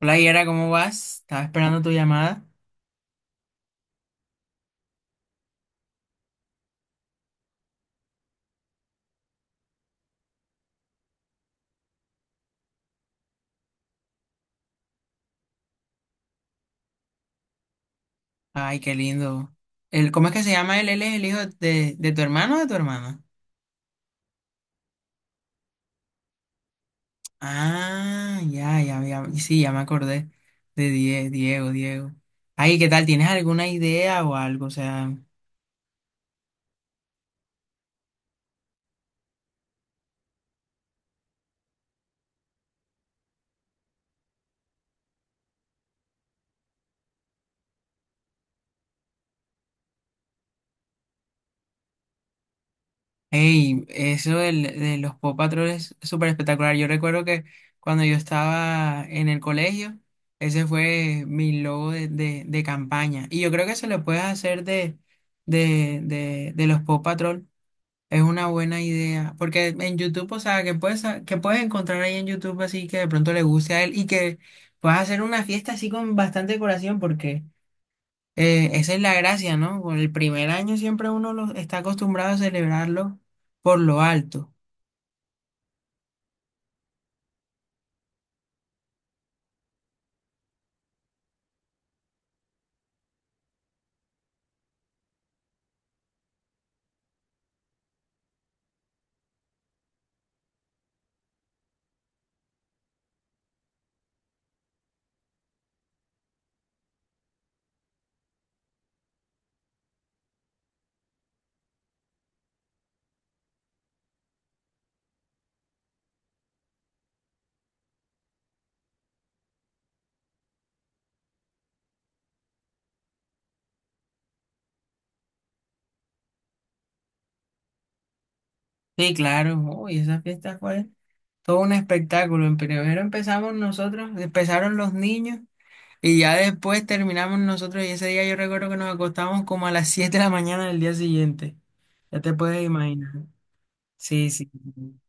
Hola Yera, ¿cómo vas? Estaba esperando tu llamada. Ay, qué lindo. ¿Cómo es que se llama él? ¿Él es el hijo de tu hermano o de tu hermana? Ah, ya, ya, ya. Sí, ya me acordé de Diego, Diego. Ay, ¿qué tal? ¿Tienes alguna idea o algo? O sea, hey, eso de los Paw Patrol es súper espectacular. Yo recuerdo que cuando yo estaba en el colegio, ese fue mi logo de campaña. Y yo creo que se lo puedes hacer de los Paw Patrol. Es una buena idea, porque en YouTube, o sea, que puedes encontrar ahí en YouTube así que de pronto le guste a él y que puedas hacer una fiesta así con bastante decoración, porque esa es la gracia, ¿no? Con el primer año siempre uno está acostumbrado a celebrarlo por lo alto. Sí, claro, uy, esa fiesta fue todo un espectáculo. En primero empezamos nosotros, empezaron los niños y ya después terminamos nosotros, y ese día yo recuerdo que nos acostamos como a las 7 de la mañana del día siguiente. Ya te puedes imaginar. Sí, sí. Sí.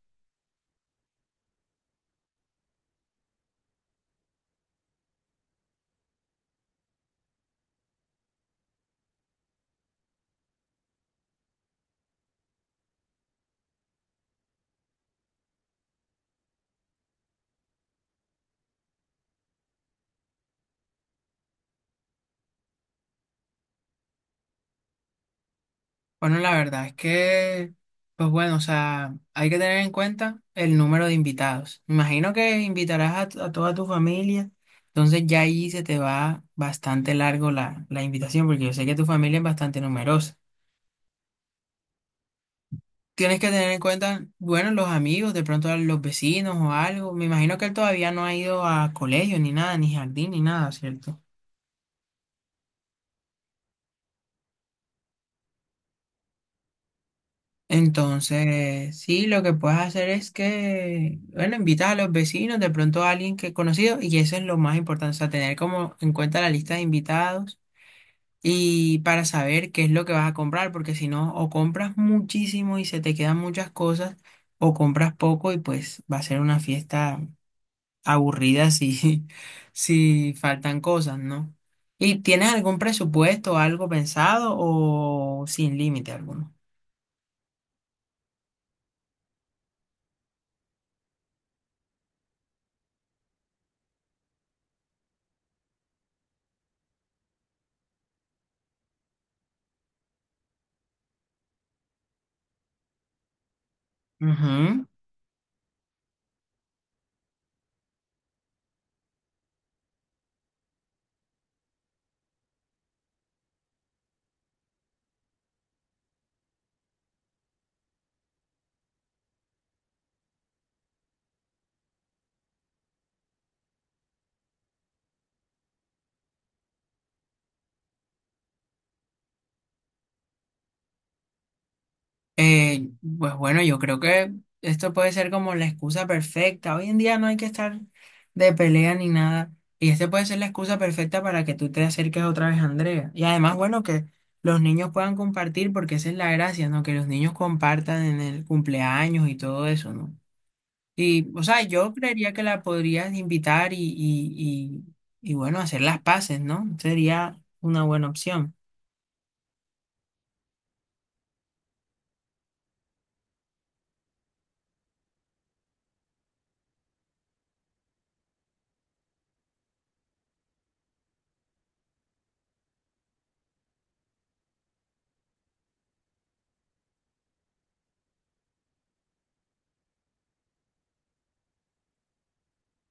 Bueno, la verdad es que, pues bueno, o sea, hay que tener en cuenta el número de invitados. Me imagino que invitarás a, a toda tu familia, entonces ya ahí se te va bastante largo la invitación, porque yo sé que tu familia es bastante numerosa. Tienes que tener en cuenta, bueno, los amigos, de pronto a los vecinos o algo. Me imagino que él todavía no ha ido a colegio ni nada, ni jardín ni nada, ¿cierto? Entonces, sí, lo que puedes hacer es que, bueno, invitas a los vecinos, de pronto a alguien que es conocido, y eso es lo más importante, o sea, tener como en cuenta la lista de invitados y para saber qué es lo que vas a comprar, porque si no, o compras muchísimo y se te quedan muchas cosas, o compras poco y pues va a ser una fiesta aburrida si, si faltan cosas, ¿no? ¿Y tienes algún presupuesto o algo pensado o sin límite alguno? Ujú. Eh, pues bueno, yo creo que esto puede ser como la excusa perfecta. Hoy en día no hay que estar de pelea ni nada. Y este puede ser la excusa perfecta para que tú te acerques otra vez a Andrea. Y además, bueno, que los niños puedan compartir, porque esa es la gracia, ¿no? Que los niños compartan en el cumpleaños y todo eso, ¿no? Y, o sea, yo creería que la podrías invitar y bueno, hacer las paces, ¿no? Sería una buena opción.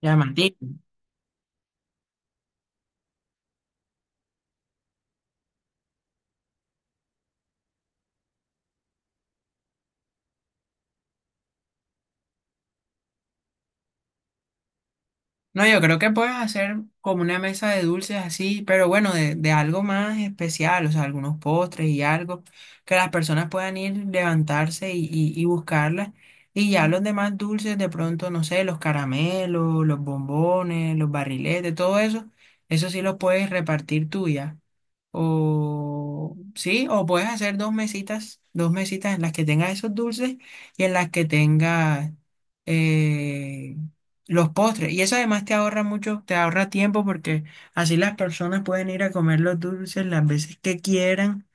Llamativo. No, yo creo que puedes hacer como una mesa de dulces así, pero bueno, de algo más especial, o sea, algunos postres y algo, que las personas puedan ir, levantarse y buscarlas. Y ya los demás dulces, de pronto, no sé, los caramelos, los bombones, los barriletes, todo eso, eso sí lo puedes repartir tú ya. O sí, o puedes hacer dos mesitas en las que tengas esos dulces y en las que tengas eh, los postres. Y eso además te ahorra mucho, te ahorra tiempo porque así las personas pueden ir a comer los dulces las veces que quieran.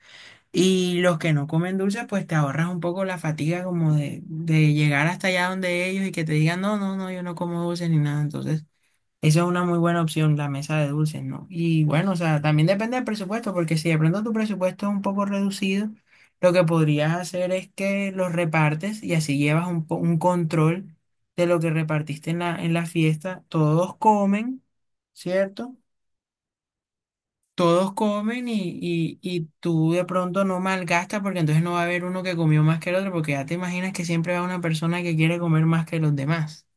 Y los que no comen dulces, pues te ahorras un poco la fatiga como de llegar hasta allá donde ellos y que te digan, no, no, no, yo no como dulces ni nada. Entonces esa es una muy buena opción, la mesa de dulces, ¿no? Y bueno, o sea, también depende del presupuesto, porque si de pronto tu presupuesto es un poco reducido, lo que podrías hacer es que los repartes y así llevas un, un control de lo que repartiste en en la fiesta. Todos comen, ¿cierto? Todos comen y tú de pronto no malgastas, porque entonces no va a haber uno que comió más que el otro, porque ya te imaginas que siempre va una persona que quiere comer más que los demás.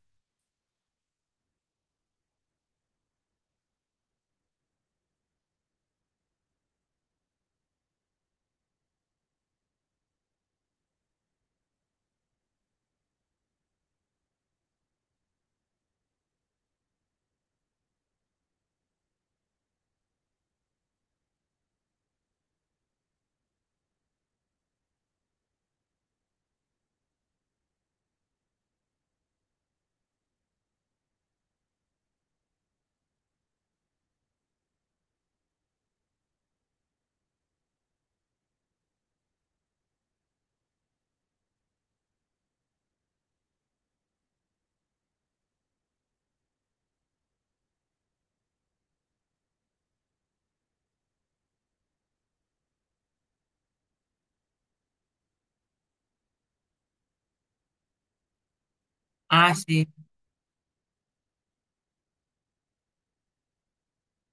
Ah, sí.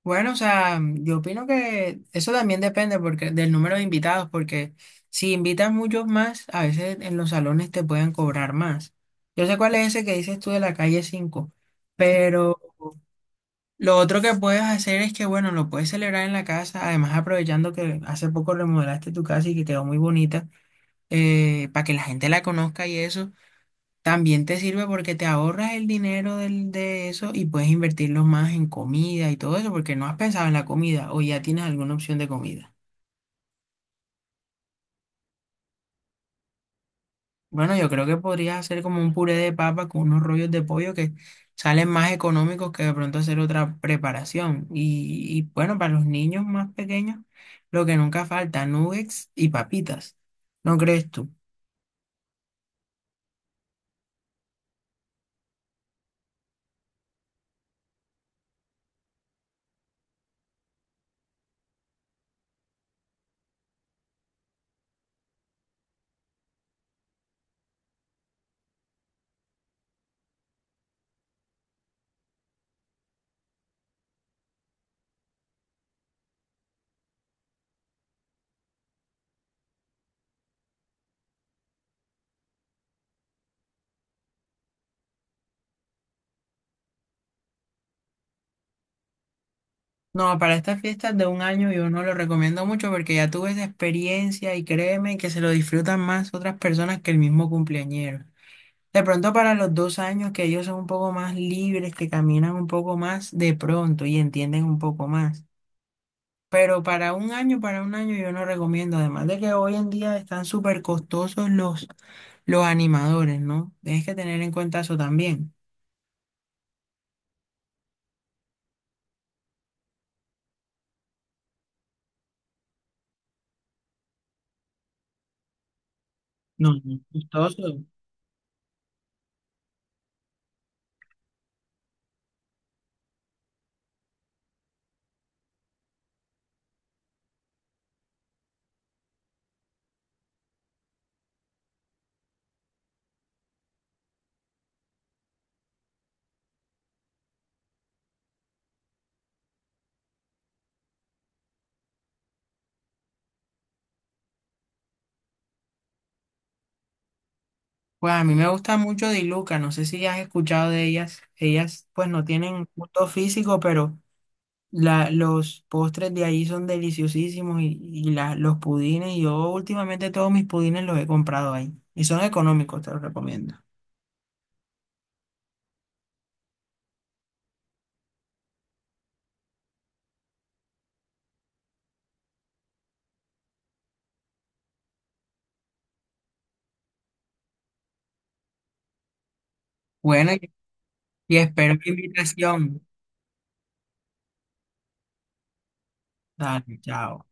Bueno, o sea, yo opino que eso también depende porque, del número de invitados, porque si invitas muchos más, a veces en los salones te pueden cobrar más. Yo sé cuál es ese que dices tú de la calle 5, pero lo otro que puedes hacer es que, bueno, lo puedes celebrar en la casa, además aprovechando que hace poco remodelaste tu casa y que quedó muy bonita, para que la gente la conozca y eso. También te sirve porque te ahorras el dinero de eso y puedes invertirlo más en comida y todo eso, porque no has pensado en la comida o ya tienes alguna opción de comida. Bueno, yo creo que podrías hacer como un puré de papa con unos rollos de pollo que salen más económicos que de pronto hacer otra preparación. Y bueno, para los niños más pequeños, lo que nunca falta, nuggets y papitas. ¿No crees tú? No, para estas fiestas de un año yo no lo recomiendo mucho porque ya tuve esa experiencia y créeme que se lo disfrutan más otras personas que el mismo cumpleañero. De pronto para los dos años que ellos son un poco más libres, que caminan un poco más de pronto y entienden un poco más. Pero para un año yo no recomiendo, además de que hoy en día están súper costosos los animadores, ¿no? Tienes que tener en cuenta eso también. No, no, es costoso. Pues a mí me gusta mucho Diluca, no sé si has escuchado de ellas. Ellas pues no tienen gusto físico, pero los postres de ahí son deliciosísimos y los pudines, yo últimamente todos mis pudines los he comprado ahí y son económicos, te los recomiendo. Bueno, y espero tu invitación. Dale, chao.